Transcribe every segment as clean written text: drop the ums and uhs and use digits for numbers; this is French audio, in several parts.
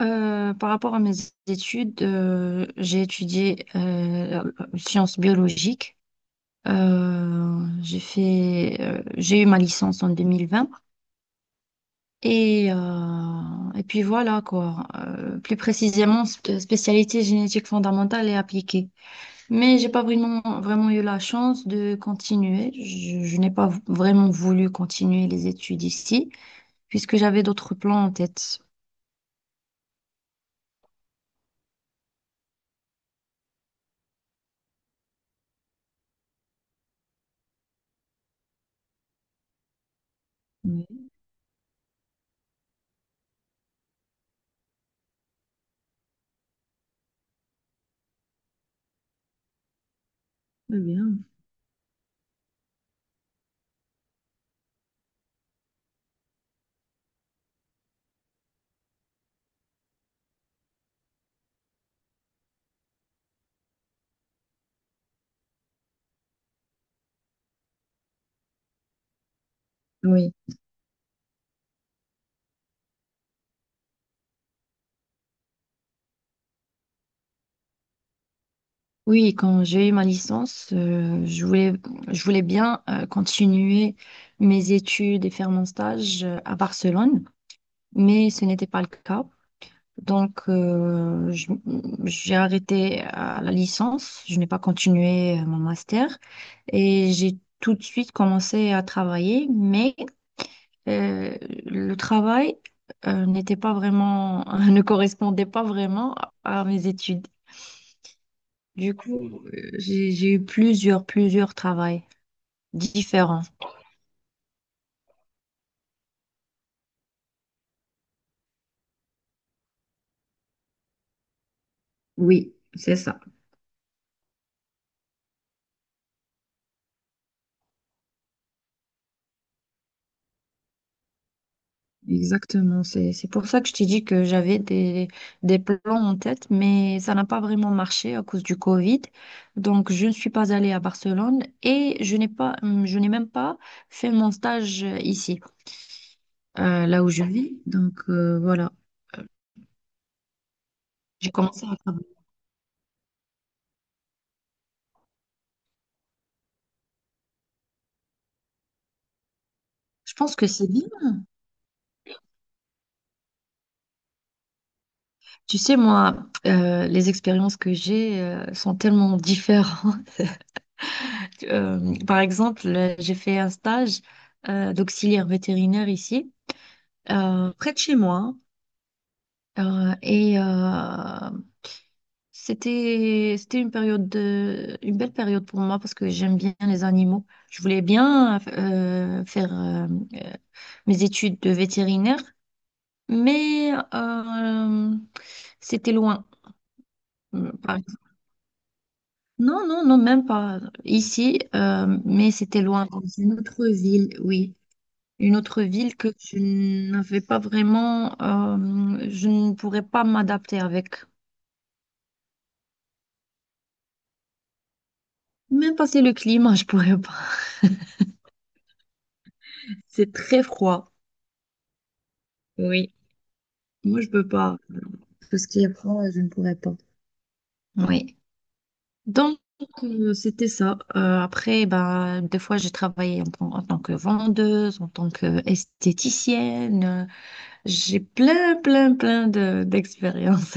Par rapport à mes études, j'ai étudié sciences biologiques. J'ai fait, j'ai eu ma licence en 2020 et puis voilà quoi. Plus précisément, spécialité génétique fondamentale et appliquée. Mais j'ai pas vraiment vraiment eu la chance de continuer. Je n'ai pas vraiment voulu continuer les études ici puisque j'avais d'autres plans en tête. Oui, très bien. Oui. Oui, quand j'ai eu ma licence, je voulais bien continuer mes études et faire mon stage à Barcelone, mais ce n'était pas le cas. Donc, j'ai arrêté à la licence, je n'ai pas continué mon master et j'ai tout de suite commencé à travailler, mais euh, le travail n'était pas vraiment, ne correspondait pas vraiment à mes études. Du coup, j'ai eu plusieurs travails différents. Oui, c'est ça. Exactement. C'est pour ça que je t'ai dit que j'avais des plans en tête, mais ça n'a pas vraiment marché à cause du Covid. Donc, je ne suis pas allée à Barcelone et je n'ai pas, je n'ai même pas fait mon stage ici, là où je vis. Donc, voilà. Euh, J'ai commencé à travailler. Je pense que c'est bien. Tu sais, moi, les expériences que j'ai, sont tellement différentes. Par exemple, j'ai fait un stage d'auxiliaire vétérinaire ici, près de chez moi. Euh, et euh, c'était une une belle période pour moi parce que j'aime bien les animaux. Je voulais bien faire euh, mes études de vétérinaire, mais c'était loin. Par exemple. Non, non, non, même pas ici, mais c'était loin dans une autre ville, oui. Une autre ville que je n'avais pas vraiment, je ne pourrais pas m'adapter avec. Même passer le climat, je pourrais pas. C'est très froid. Oui. Moi, je peux pas. Tout ce qui est froid, je ne pourrais pas. Oui. Donc, c'était ça. Après, bah, des fois, j'ai travaillé en tant que vendeuse, en tant qu'esthéticienne. J'ai plein, plein, plein d'expériences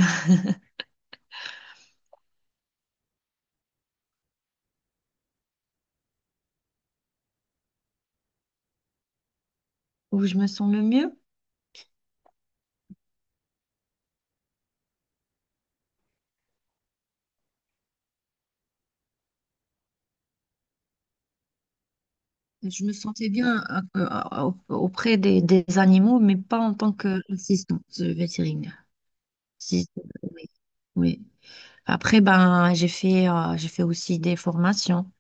où je me sens le mieux. Je me sentais bien euh, auprès des animaux, mais pas en tant qu'assistante vétérinaire. Si- oui. Oui. Après, ben, j'ai fait aussi des formations.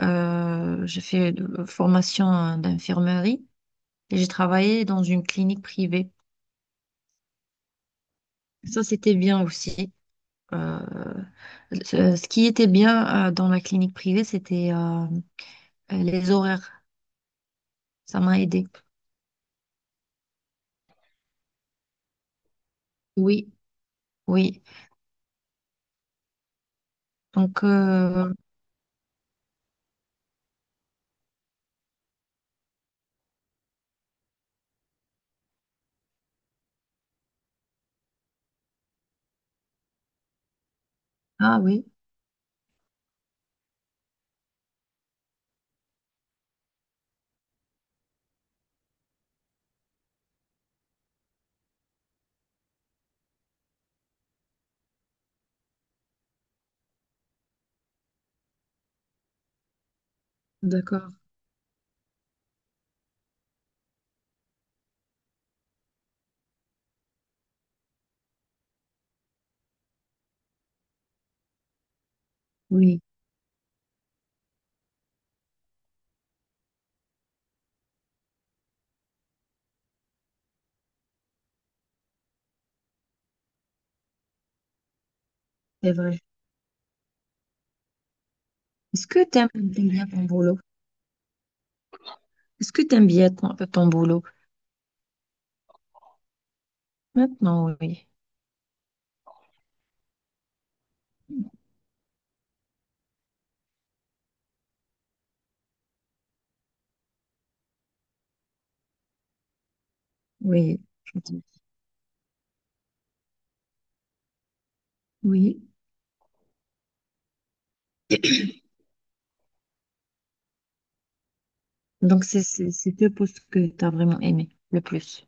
Formation d'infirmerie et j'ai travaillé dans une clinique privée. Ça, c'était bien aussi. Euh, ce qui était bien dans la clinique privée, c'était les horaires. Ça m'a aidé. Oui, oui. Donc, ah oui. D'accord, oui, c'est vrai. Est-ce que t'aimes bien ton boulot? Est-ce que t'aimes bien ton, ton boulot? Maintenant, oui. Oui, je dis. Oui. Donc, c'est deux postes que t'as vraiment aimé le plus.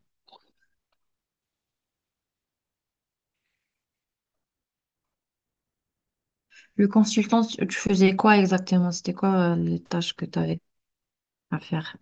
Le consultant, tu faisais quoi exactement? C'était quoi les tâches que t'avais à faire?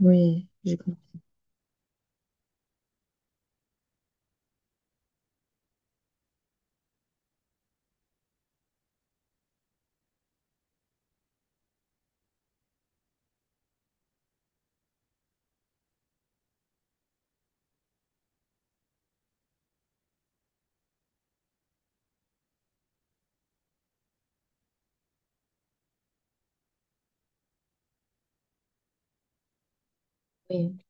Oui, j'ai compris. Oui.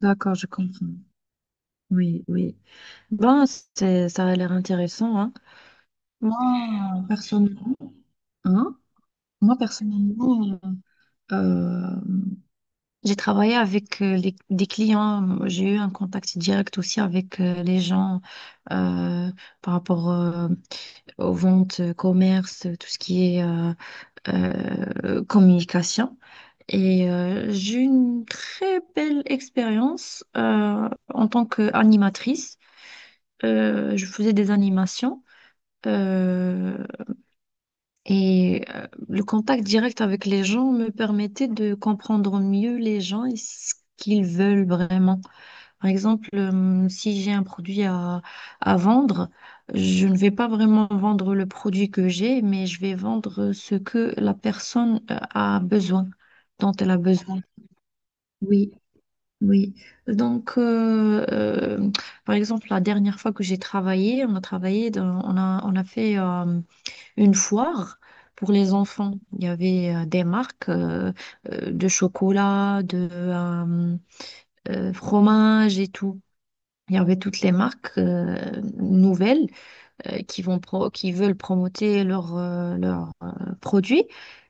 D'accord, je comprends. Oui, oui. Bon, ça a l'air intéressant, hein. Moi, personnellement, hein? Moi, personnellement, euh, j'ai travaillé avec des clients, j'ai eu un contact direct aussi avec les gens euh, par rapport aux ventes, commerce, tout ce qui est communication. Et j'ai eu une très belle expérience en tant qu'animatrice. Je faisais des animations euh, et le contact direct avec les gens me permettait de comprendre mieux les gens et ce qu'ils veulent vraiment. Par exemple, si j'ai un produit à vendre, je ne vais pas vraiment vendre le produit que j'ai, mais je vais vendre ce que la personne dont elle a besoin. Oui, oui. Donc, par exemple, la dernière fois que j'ai travaillé, on a fait une foire pour les enfants. Il y avait des marques de chocolat, de fromage et tout. Il y avait toutes les marques nouvelles qui veulent promoter leurs, produits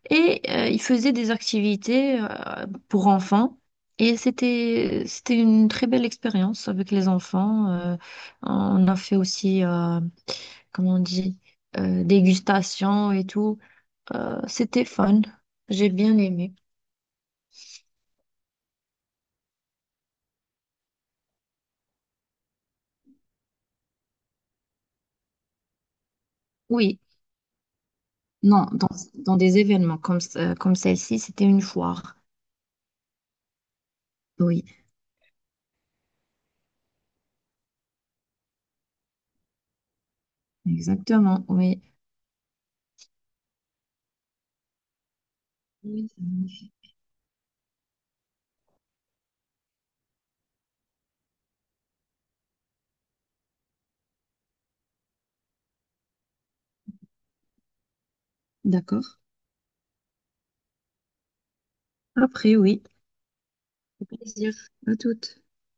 et ils faisaient des activités pour enfants et c'était une très belle expérience avec les enfants. On a fait aussi comment on dit dégustation et tout. C'était fun. J'ai bien aimé. Oui. Non, dans, dans des événements comme celle-ci, c'était une foire. Oui, exactement, oui. Oui, ça marche. D'accord. Après, oui. Au plaisir. À toutes.